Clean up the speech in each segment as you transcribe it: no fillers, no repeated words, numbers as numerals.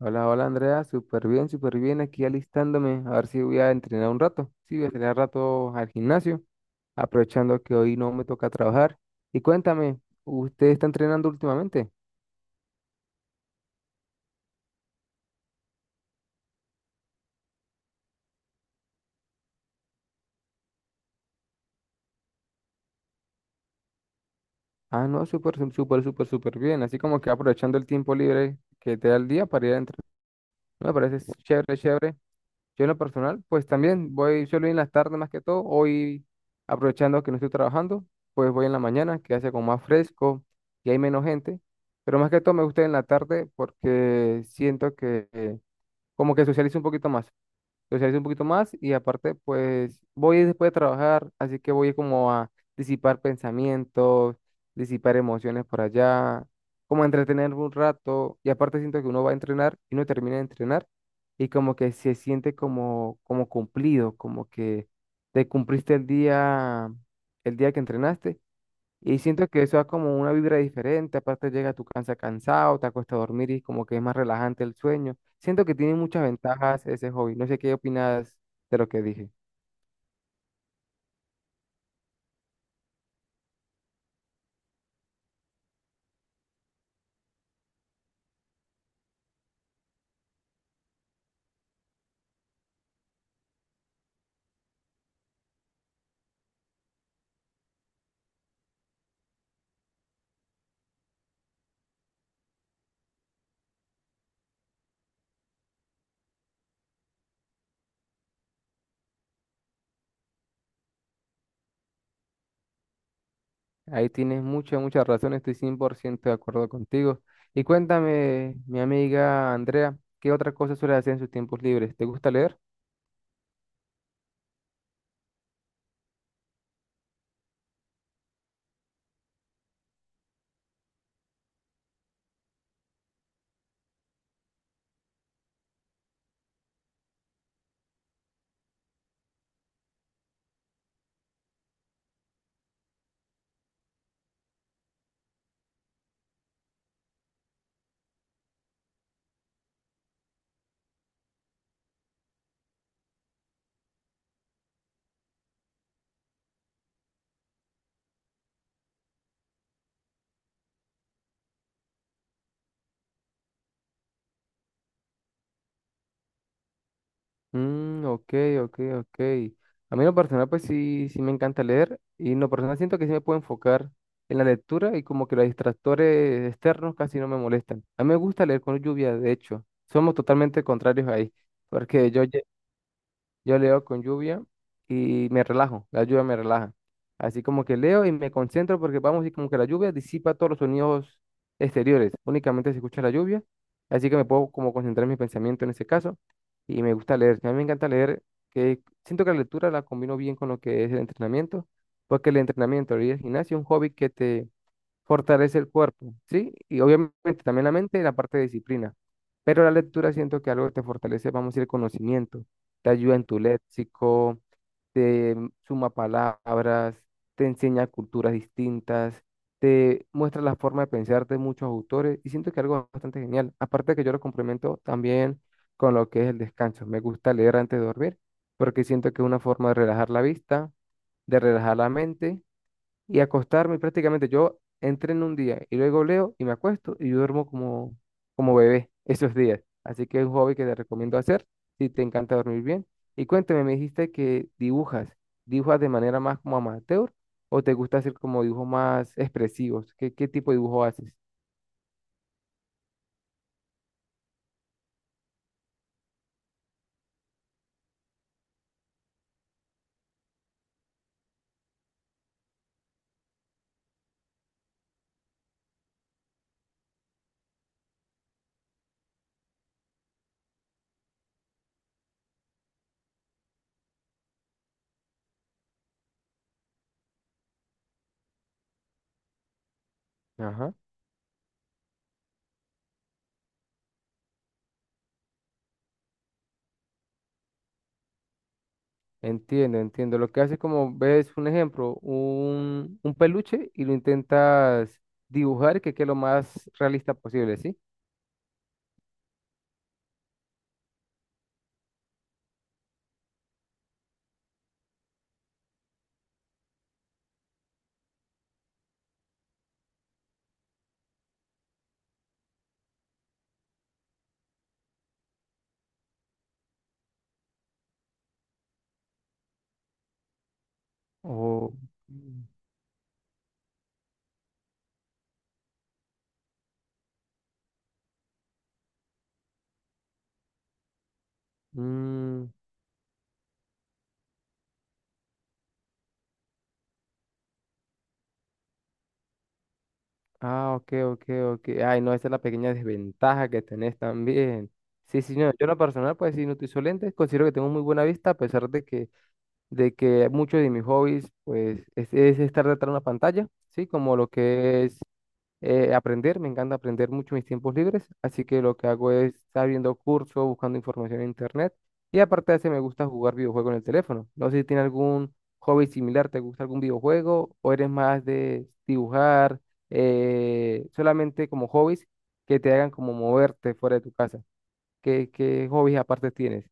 Hola, hola Andrea, súper bien, aquí alistándome, a ver si voy a entrenar un rato, sí, voy a entrenar un rato al gimnasio, aprovechando que hoy no me toca trabajar. Y cuéntame, ¿usted está entrenando últimamente? Ah, no, súper, súper, súper, súper bien, así como que aprovechando el tiempo libre que te da el día para ir a entrenar, me parece chévere, chévere. Yo en lo personal, pues también voy, suelo ir en las tardes más que todo. Hoy, aprovechando que no estoy trabajando, pues voy en la mañana, que hace como más fresco y hay menos gente. Pero más que todo me gusta ir en la tarde porque siento que como que socializo un poquito más y aparte, pues voy después de trabajar, así que voy como a disipar pensamientos, disipar emociones por allá, como a entretenerme un rato y aparte siento que uno va a entrenar y uno termina de entrenar y como que se siente como, como cumplido, como que te cumpliste el día que entrenaste y siento que eso da como una vibra diferente, aparte llega a tu casa cansado, te acuestas a dormir y como que es más relajante el sueño. Siento que tiene muchas ventajas ese hobby. No sé qué opinas de lo que dije. Ahí tienes mucha, mucha razón, estoy 100% de acuerdo contigo. Y cuéntame, mi amiga Andrea, ¿qué otra cosa suele hacer en sus tiempos libres? ¿Te gusta leer? Mm, ok, ok, ok. A mí en lo personal, pues sí, sí me encanta leer y en lo personal siento que sí me puedo enfocar en la lectura y como que los distractores externos casi no me molestan. A mí me gusta leer con lluvia, de hecho. Somos totalmente contrarios ahí, porque yo, yo leo con lluvia y me relajo, la lluvia me relaja. Así como que leo y me concentro porque vamos y como que la lluvia disipa todos los sonidos exteriores, únicamente se escucha la lluvia, así que me puedo como concentrar mi pensamiento en ese caso y me gusta leer. A mí me encanta leer, que siento que la lectura la combino bien con lo que es el entrenamiento, porque el entrenamiento y el gimnasio es un hobby que te fortalece el cuerpo, ¿sí? Y obviamente también la mente y la parte de disciplina. Pero la lectura siento que algo que te fortalece, vamos a decir, el conocimiento. Te ayuda en tu léxico, te suma palabras, te enseña culturas distintas, te muestra la forma de pensar de muchos autores y siento que algo bastante genial. Aparte de que yo lo complemento también con lo que es el descanso. Me gusta leer antes de dormir porque siento que es una forma de relajar la vista, de relajar la mente y acostarme prácticamente. Yo entreno un día y luego leo y me acuesto y yo duermo como, como bebé esos días. Así que es un hobby que te recomiendo hacer si te encanta dormir bien. Y cuéntame, me dijiste que dibujas. ¿Dibujas de manera más como amateur o te gusta hacer como dibujos más expresivos? ¿Qué, qué tipo de dibujo haces? Ajá. Entiendo, entiendo. Lo que haces como ves un ejemplo, un peluche y lo intentas dibujar que quede lo más realista posible, ¿sí? O... Mm, ah, ok, ok, ok. Ay, no, esa es la pequeña desventaja que tenés también. Sí, sí, no, yo en lo personal, pues sí, no utilizo lentes, considero que tengo muy buena vista, a pesar de que muchos de mis hobbies, pues, es estar detrás de una pantalla, ¿sí? Como lo que es aprender, me encanta aprender mucho en mis tiempos libres, así que lo que hago es estar viendo cursos, buscando información en internet y aparte de eso me gusta jugar videojuegos en el teléfono. No sé si tiene algún hobby similar, ¿te gusta algún videojuego o eres más de dibujar solamente como hobbies que te hagan como moverte fuera de tu casa? ¿Qué, qué hobbies aparte tienes?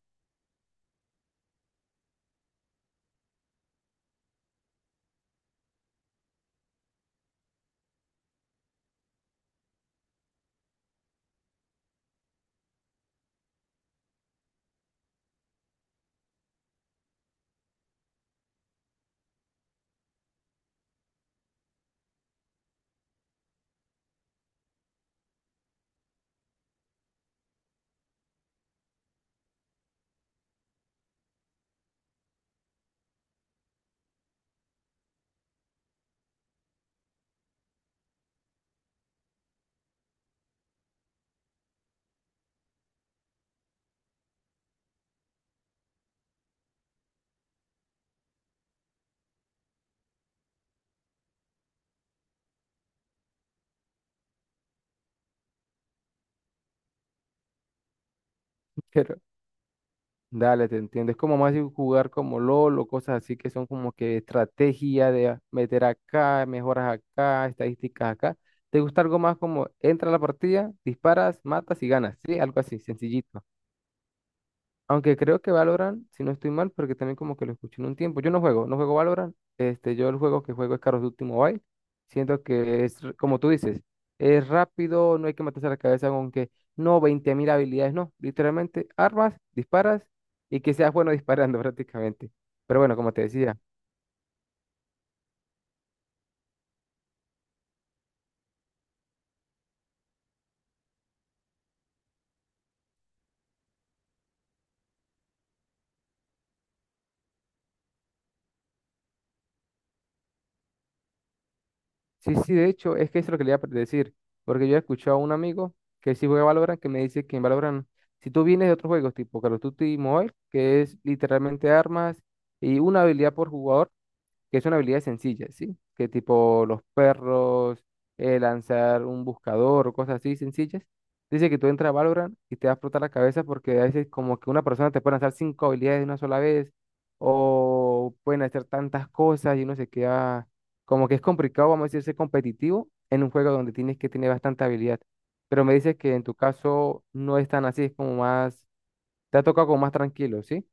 Dale, te entiendo. Es como más de jugar como LOL o cosas así que son como que estrategia de meter acá, mejoras acá, estadísticas acá. ¿Te gusta algo más como entra a la partida, disparas, matas y ganas? Sí, algo así, sencillito. Aunque creo que Valorant, si no estoy mal, porque también como que lo escuché en un tiempo. Yo no juego, no juego Valorant. Este, yo el juego que juego es Call of Duty Mobile. Siento que es, como tú dices, es rápido, no hay que matarse la cabeza con que no, 20 mil habilidades, no. Literalmente, armas, disparas y que seas bueno disparando prácticamente. Pero bueno, como te decía, sí, sí, de hecho, es que eso es lo que le iba a decir, porque yo he escuchado a un amigo que sí juega Valorant, que me dice que en Valorant, si tú vienes de otros juegos tipo Call of Duty Mobile, que es literalmente armas y una habilidad por jugador, que son habilidades sencillas, ¿sí? Que tipo los perros, lanzar un buscador o cosas así sencillas. Dice que tú entras a Valorant y te va a explotar la cabeza porque a veces como que una persona te puede lanzar 5 habilidades de una sola vez o pueden hacer tantas cosas y uno se queda como que es complicado, vamos a decir, ser competitivo en un juego donde tienes que tener bastante habilidad. Pero me dices que en tu caso no es tan así, es como más, te ha tocado como más tranquilo, ¿sí?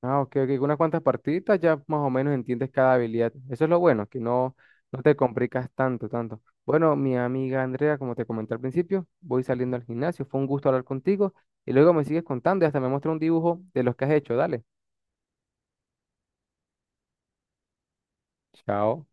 Ah, ok, ok. Unas cuantas partiditas ya más o menos entiendes cada habilidad. Eso es lo bueno, que no, no te complicas tanto, tanto. Bueno, mi amiga Andrea, como te comenté al principio, voy saliendo al gimnasio. Fue un gusto hablar contigo. Y luego me sigues contando y hasta me muestra un dibujo de los que has hecho. Dale. Chao.